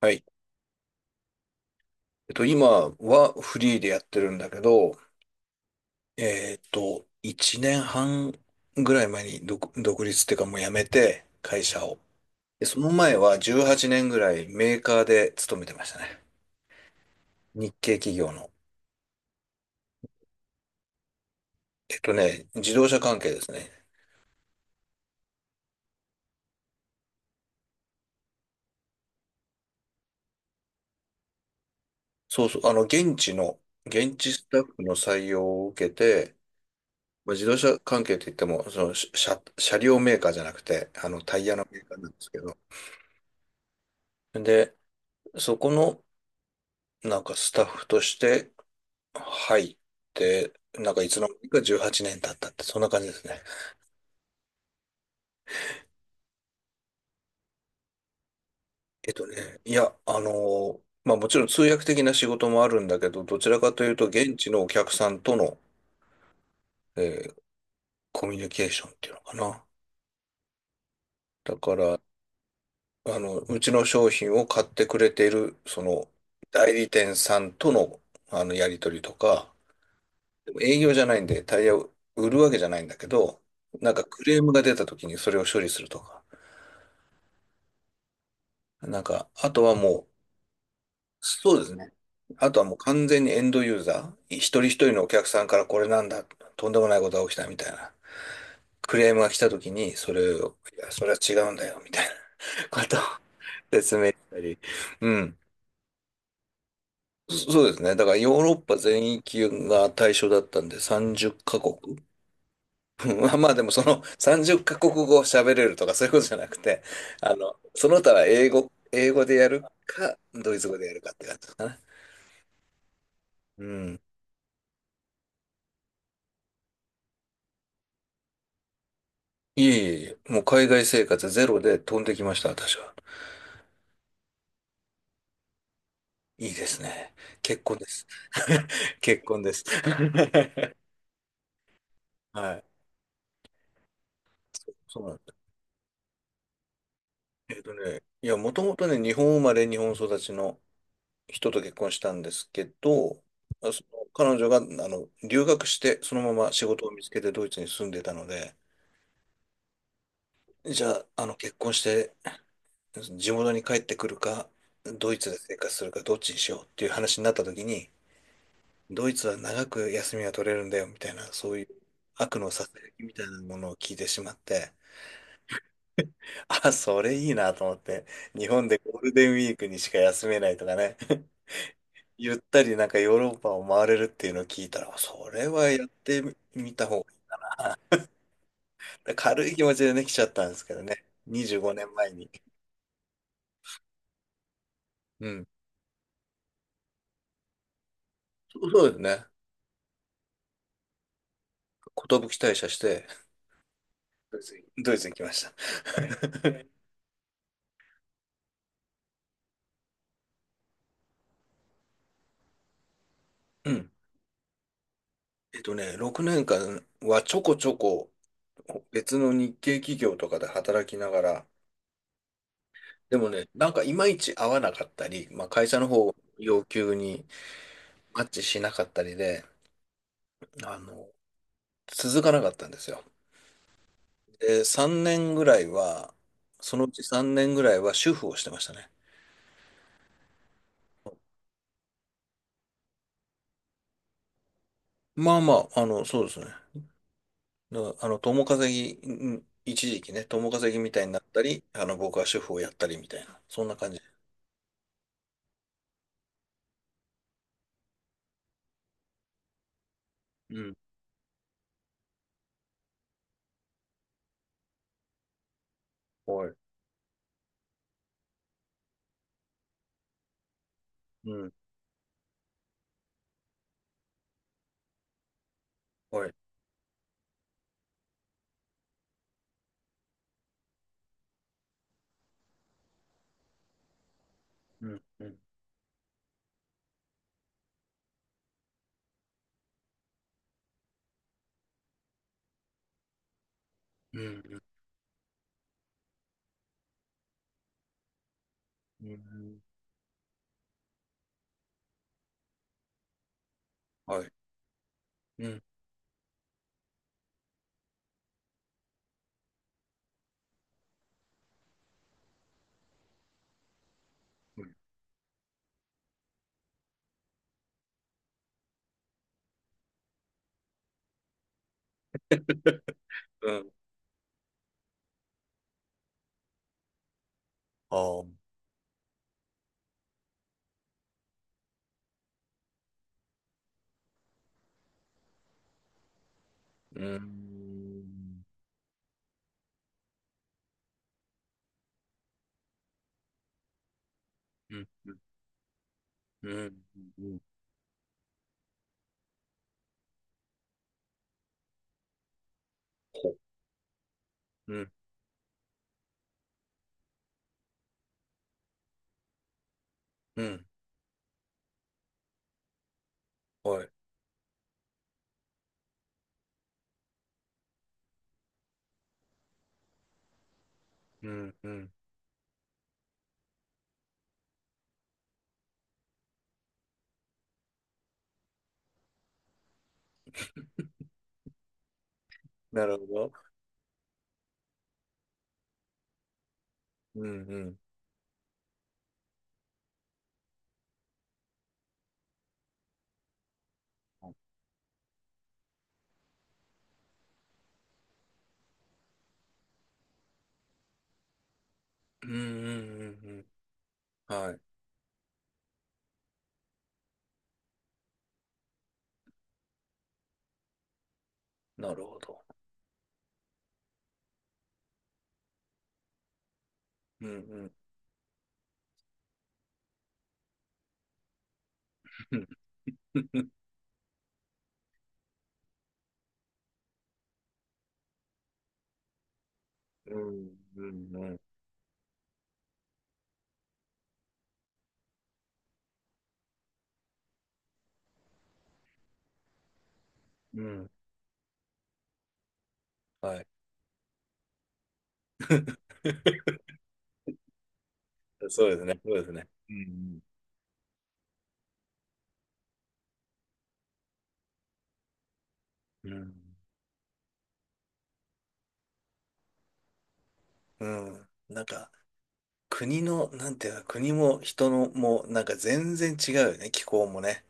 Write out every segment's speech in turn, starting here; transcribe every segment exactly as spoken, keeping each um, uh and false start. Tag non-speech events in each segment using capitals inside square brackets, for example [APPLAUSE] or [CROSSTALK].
はい。えっと、今はフリーでやってるんだけど、えっと、いちねんはんぐらい前に独、独立っていうかもう辞めて、会社を。で、その前はじゅうはちねんぐらいメーカーで勤めてましたね。日系企業の。えっとね、自動車関係ですね。そうそう、あの、現地の、現地スタッフの採用を受けて、まあ、自動車関係といっても、その、し車、車両メーカーじゃなくて、あの、タイヤのメーカーなんですけど。で、そこの、なんかスタッフとして入って、なんかいつの間にかじゅうはちねん経ったって、そんな感じですね。えっとね、いや、あのーまあもちろん通訳的な仕事もあるんだけど、どちらかというと現地のお客さんとの、えーコミュニケーションっていうのかな。だから、あの、うちの商品を買ってくれている、その、代理店さんとの、あの、やり取りとか、でも営業じゃないんで、タイヤを売るわけじゃないんだけど、なんかクレームが出た時にそれを処理するとか、なんか、あとはもう、そうですね。あとはもう完全にエンドユーザー、一人一人のお客さんからこれなんだ、とんでもないことが起きたみたいな、クレームが来た時に、それを、いや、それは違うんだよ、みたいなことを説明したり。うん。そそうですね。だからヨーロッパ全域が対象だったんでさんじゅうカ国。[LAUGHS] まあまあでもそのさんじゅうカ国語を喋れるとかそういうことじゃなくて、あの、その他は英語、英語でやるか、ドイツ語でやるかって感じですかね。うん。いえいえ、もう海外生活ゼロで飛んできました、私は。いいですね。結婚です。[LAUGHS] 結婚です。[LAUGHS] はい。そうそうなんだ。えっとね、いや、もともとね、日本生まれ、日本育ちの人と結婚したんですけど、あその彼女があの留学して、そのまま仕事を見つけてドイツに住んでたので、じゃあ、あの結婚して、地元に帰ってくるか、ドイツで生活するか、どっちにしようっていう話になった時に、ドイツは長く休みが取れるんだよみたいな、そういう悪のささやきみたいなものを聞いてしまって、あ、それいいなと思って、日本でゴールデンウィークにしか休めないとかね、[LAUGHS] ゆったりなんかヨーロッパを回れるっていうのを聞いたら、それはやってみた方が、軽い気持ちでね、来ちゃったんですけどね、にじゅうごねんまえに。うん。そうそうですね。寿退社して、ドイツにドイツに来ました。[LAUGHS] うん。えっとね、ろくねんかんはちょこちょこ別の日系企業とかで働きながら、でもね、なんかいまいち合わなかったり、まあ、会社の方要求にマッチしなかったりで、あの、続かなかったんですよ。で、さんねんぐらいは、そのうちさんねんぐらいは主婦をしてましたね。まあまあ、あの、そうですね。だあの、共稼ぎ、ん一時期ね、共稼ぎみたいになったり、あの、僕は主婦をやったりみたいな、そんな感じ。うん。はい。うん。はい。うん。うん。うん。うん。うん。はい。うん。うん。ああ、ううん。うん。うん。うん。うん。ほうん。うん。ん。はい。うん。うん。なるほど。うん、うん。うん。うん。うん。はい。なるほど。うん、うん。うん、うん、うん。うん。はい。そうですね。そうですね。うん、うん。うん。うんなんか、国の、なんていうか、国も人の、もなんか全然違うよね。気候もね。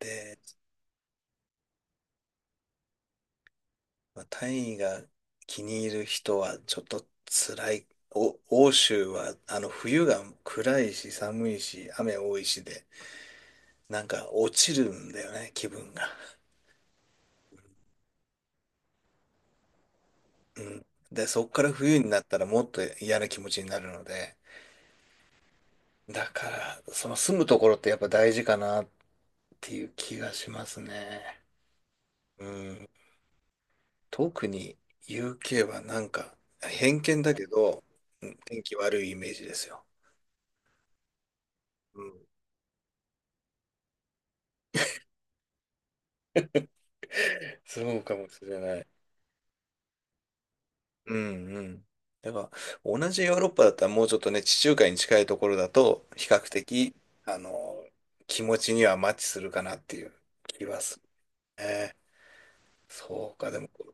でまあ、単位が気に入る人はちょっと辛い。お、欧州はあの冬が暗いし寒いし雨多いしで、なんか落ちるんだよね、気分が。うん。で、そっから冬になったらもっと嫌な気持ちになるので、だから、その住むところってやっぱ大事かなっていう気がしますね。うん。特に ユーケー はなんか偏見だけど、うん、天気悪いイメージですよ。うん。[LAUGHS] そうかもしれない。うんうん。だから、同じヨーロッパだったらもうちょっとね、地中海に近いところだと、比較的、あの、気持ちにはマッチするかなっていう気はするね。そうか、でも、こ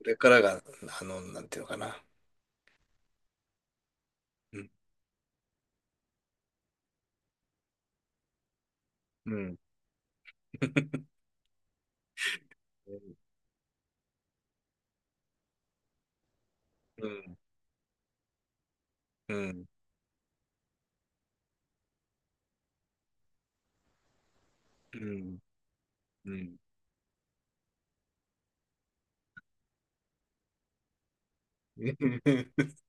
れからが、あの、なんていうのかな。うん。うん。[LAUGHS] うん。うん。うん。うん。[LAUGHS]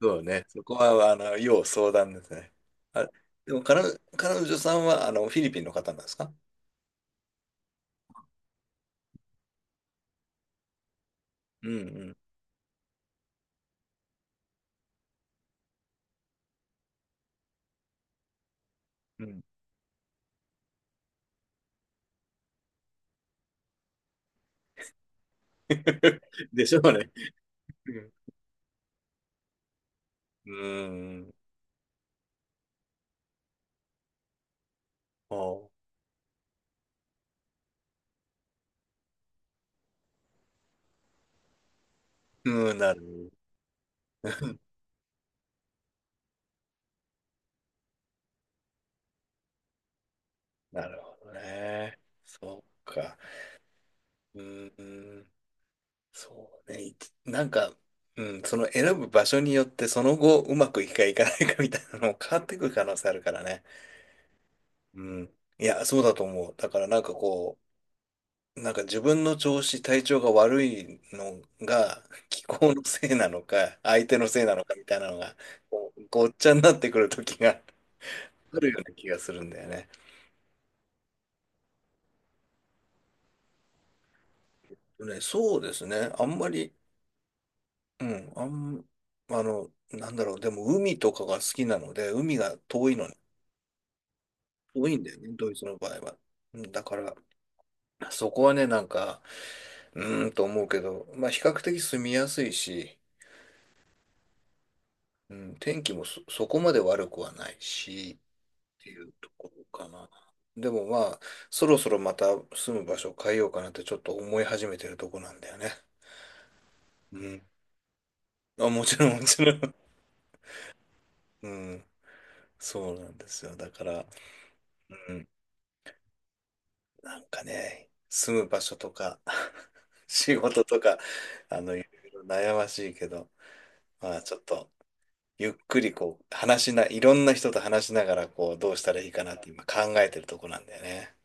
そうね。そこは、あの、要相談ですね。あ、でも、彼女、彼女さんは、あの、フィリピンの方なんですか？うんうん。うん。[LAUGHS] でしょうね。うーん。おう。うん、なる。なるほどね。そうか。うーん。そうね。いなんか、うん、その選ぶ場所によって、その後、うまくいくかいかないかみたいなのも変わってくる可能性あるからね。うん。いや、そうだと思う。だからなんかこう、なんか自分の調子、体調が悪いのが、気候のせいなのか、相手のせいなのかみたいなのが、こうごっちゃになってくる時があるような気がするんだよね。ね、そうですね。あんまり、うん、あん、あの、なんだろう、でも海とかが好きなので、海が遠いのに、遠いんだよね、ドイツの場合は。うん。だから、そこはね、なんか、うーんと思うけど、まあ、比較的住みやすいし、うん、天気もそ、そこまで悪くはないし、っていうところかな。でもまあ、そろそろまた住む場所を変えようかなってちょっと思い始めてるとこなんだよね。うん。あ、もちろん、もちろん。うん。そうなんですよ。だから、うん、なんかね、住む場所とか [LAUGHS] 仕事とか、あの、いろいろ悩ましいけど、まあちょっと、ゆっくりこう、話しな、いろんな人と話しながら、こう、どうしたらいいかなって今考えてるとこなんだよね。